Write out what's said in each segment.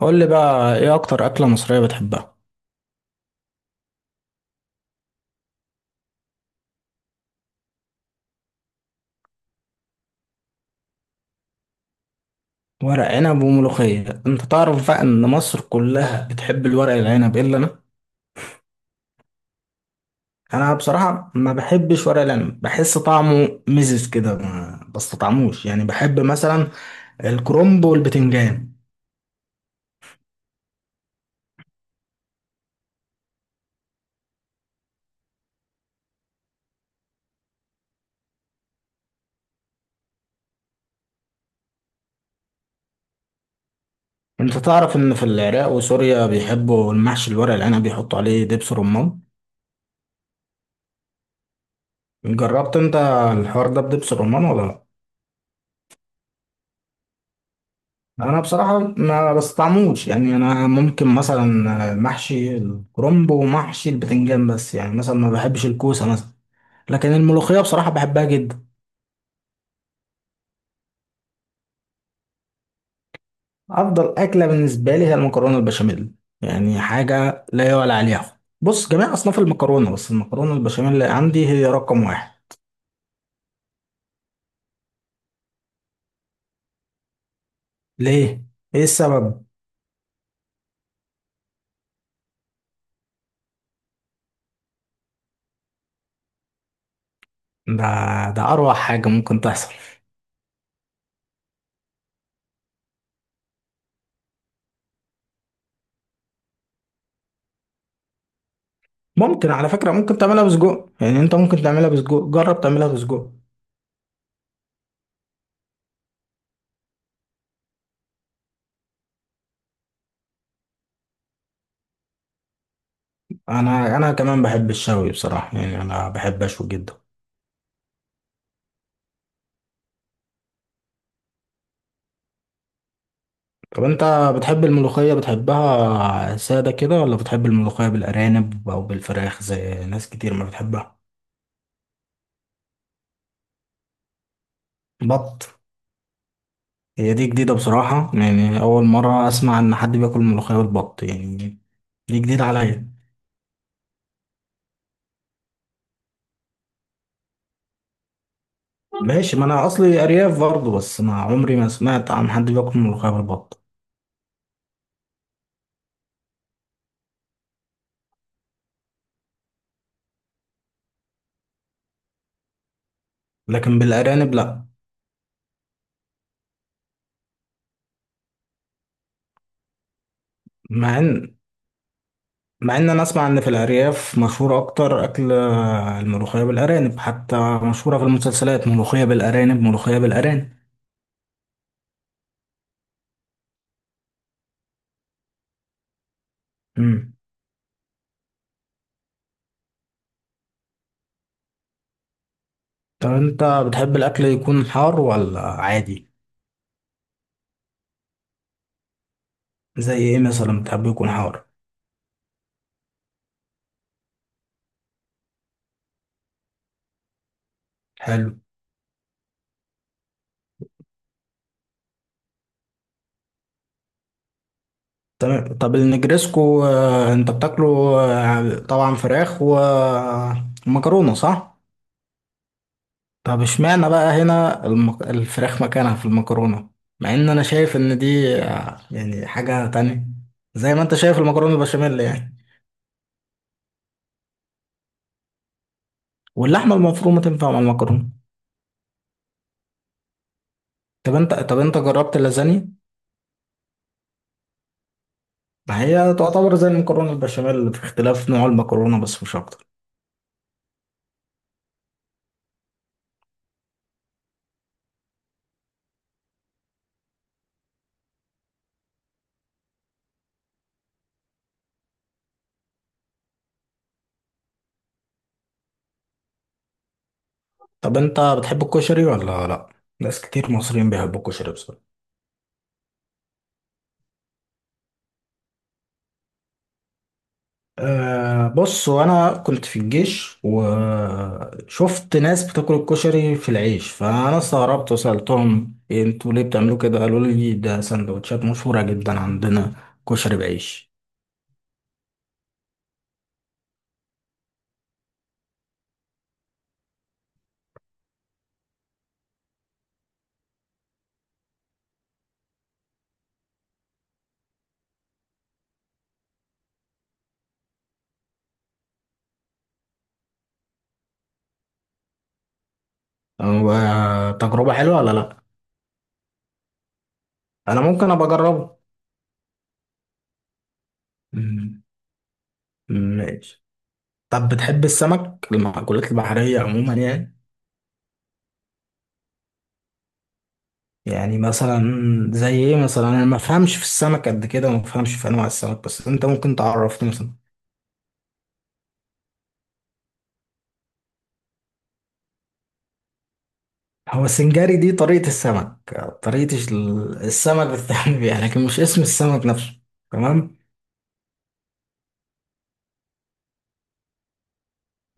قول لي بقى، ايه اكتر اكلة مصرية بتحبها؟ ورق عنب وملوخية، انت تعرف بقى ان مصر كلها بتحب الورق العنب الا انا. انا بصراحة ما بحبش ورق العنب، بحس طعمه مزز كده ما بستطعموش، يعني بحب مثلا الكرنب والبتنجان. انت تعرف ان في العراق وسوريا بيحبوا المحشي الورق العنب بيحطوا عليه دبس رمان. جربت انت الحوار ده بدبس رمان ولا لا؟ انا بصراحه ما بستعملش، يعني انا ممكن مثلا محشي الكرنب ومحشي البتنجان. بس يعني مثلا ما بحبش الكوسه مثلا، لكن الملوخيه بصراحه بحبها جدا. افضل اكله بالنسبه لي هي المكرونه البشاميل، يعني حاجه لا يعلى عليها. بص، جميع اصناف المكرونه، بس المكرونه البشاميل اللي عندي هي رقم واحد. ليه؟ ايه السبب؟ ده ده اروع حاجه ممكن تحصل. ممكن، على فكره، ممكن تعملها بسجق، يعني انت ممكن تعملها بسجق. جرب تعملها بسجق. انا كمان بحب الشوي بصراحه، يعني انا بحب اشوي جدا. طب انت بتحب الملوخيه، بتحبها ساده كده ولا بتحب الملوخيه بالارانب او بالفراخ زي ناس كتير ما بتحبها؟ بط؟ هي دي جديده بصراحه، يعني اول مره اسمع ان حد بياكل ملوخيه بالبط يعني. دي جديده عليا. ماشي، ما انا اصلي ارياف برضه، بس ما عمري ما سمعت عن حد بياكل ملوخيه بالبط. لكن بالارانب لا. مع ان مع ان انا اسمع ان في الارياف مشهور اكتر اكل الملوخيه بالارانب، حتى مشهوره في المسلسلات، ملوخيه بالارانب ملوخيه بالارانب. امم. طب انت بتحب الاكل يكون حار ولا عادي؟ زي ايه مثلا؟ بتحب يكون حار؟ حلو. تمام. طب النجريسكو، انت بتاكله؟ طبعا فراخ ومكرونه، صح؟ طب اشمعنى بقى هنا الفراخ مكانها في المكرونة؟ مع ان انا شايف ان دي، يعني حاجة تانية. زي ما انت شايف المكرونة البشاميل يعني. واللحمة المفرومة تنفع مع المكرونة. طب انت جربت اللازانيا؟ ما هي تعتبر زي المكرونة البشاميل، في اختلاف نوع المكرونة بس، مش اكتر. طب انت بتحب الكشري ولا لا؟ ناس كتير مصريين بيحبوا الكشري بصراحة. أه، بص، وانا كنت في الجيش وشفت ناس بتاكل الكشري في العيش فانا استغربت وسألتهم، إيه انتوا ليه بتعملوا كده؟ قالوا لي ده سندوتشات مشهورة جدا عندنا، كشري بعيش. هو تجربة حلوة ولا لا؟ انا ممكن ابقى اجربه. مم، ماشي. طب بتحب السمك، المأكولات البحرية عموما يعني؟ يعني مثلا، زي ايه مثلا؟ انا ما فهمش في السمك قد كده وما فهمش في انواع السمك، بس انت ممكن تعرفني مثلا. هو السنجاري دي طريقة السمك، طريقة السمك بتتعمل بيها لكن مش اسم السمك نفسه. تمام،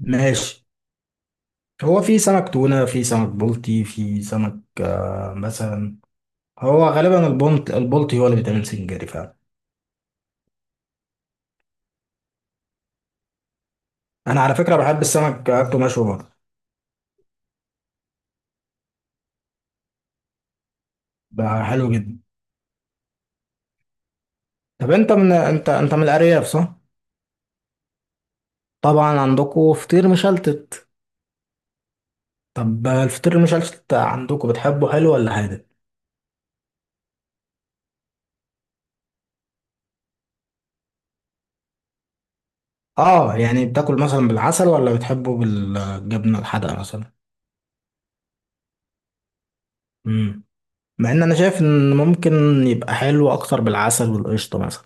ماشي. هو في سمك تونة، في سمك بلطي، في سمك مثلا. هو غالبا البلطي هو اللي بيتعمل سنجاري فعلا. أنا على فكرة بحب السمك أكله مشوي برضه. بقى حلو جدا. طب أنت من أنت من الأرياف صح؟ طبعا عندكم فطير مشلتت. طب الفطير المشلتت عندكم بتحبه حلو ولا حادق؟ اه يعني، بتاكل مثلا بالعسل ولا بتحبه بالجبنة الحادقة مثلا؟ امم مع ان انا شايف ان ممكن يبقى حلو اكتر بالعسل والقشطة مثلا.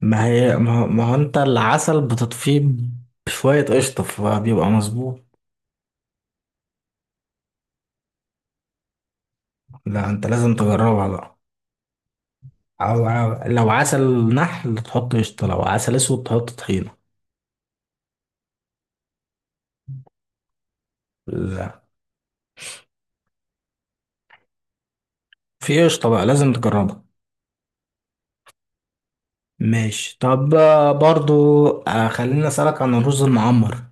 ما هو انت العسل بتطفيه بشوية قشطة فبيبقى مظبوط. لا، انت لازم تجربها بقى. لو عسل نحل تحط قشطة، لو عسل اسود تحط طحينة. لا، في قشطة بقى لازم تجربها. ماشي. طب، برضو خليني اسألك عن الرز المعمر.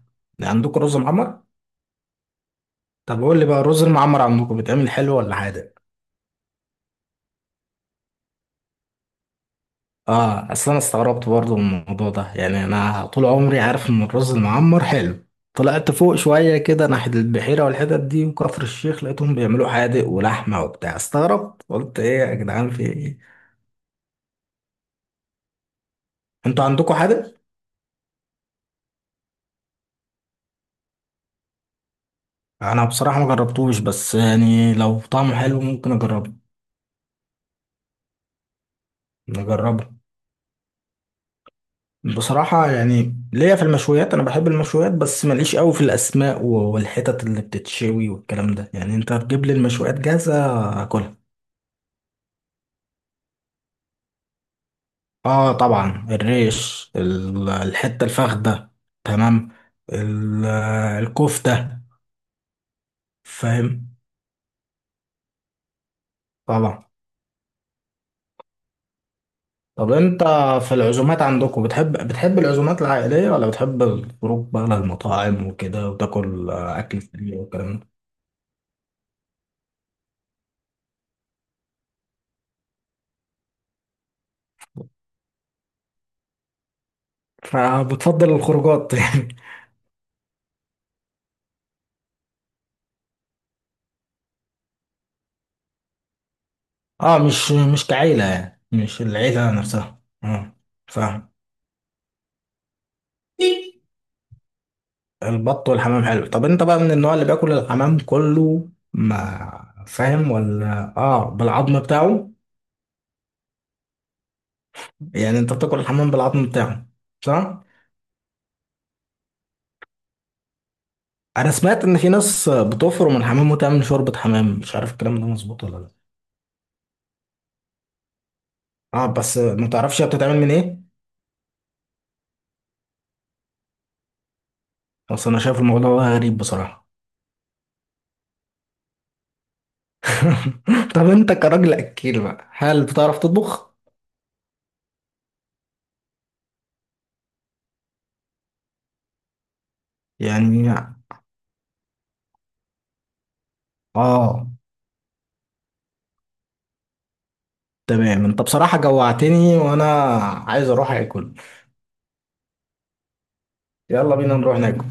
عندكم رز معمر؟ طب قول لي بقى الرز المعمر عندكم بيتعمل حلو ولا حادق؟ اه، اصل انا استغربت برضو من الموضوع ده، يعني انا طول عمري عارف ان الرز المعمر حلو. طلعت فوق شوية كده ناحية البحيرة والحتت دي وكفر الشيخ، لقيتهم بيعملوا حادق ولحمة وبتاع. استغربت قلت، ايه يا جدعان؟ في ايه؟ انتوا عندكم حادق؟ انا بصراحة ما جربتوش، بس يعني لو طعمه حلو ممكن اجربه. نجربه. بصراحة يعني ليا في المشويات، أنا بحب المشويات، بس ماليش قوي في الأسماء والحتت اللي بتتشوي والكلام ده، يعني أنت تجيب لي المشويات جاهزة أكلها. آه طبعا الريش، الحتة الفخدة. تمام. ال- الكفتة. فاهم، طبعا. طب أنت في العزومات عندكم، بتحب العزومات العائلية ولا بتحب الخروج بقى للمطاعم وكده وتاكل أكل سريع والكلام ده؟ فبتفضل الخروجات. اه، مش كعيلة يعني مش العيلة نفسها، اه. فاهم. البط والحمام حلو. طب انت بقى من النوع اللي بياكل الحمام كله ما فاهم، ولا اه بالعظم بتاعه؟ يعني انت بتاكل الحمام بالعظم بتاعه، صح؟ انا سمعت ان في ناس بتفرم الحمام وتعمل شوربة حمام، مش عارف الكلام ده مظبوط ولا لا. اه، بس ما تعرفش هي بتتعمل من ايه؟ بس انا شايف الموضوع ده غريب بصراحة. طب انت كراجل اكيل بقى، هل بتعرف تطبخ؟ يعني، اه. تمام، انت بصراحة جوعتني وانا عايز اروح اكل. يلا بينا نروح ناكل.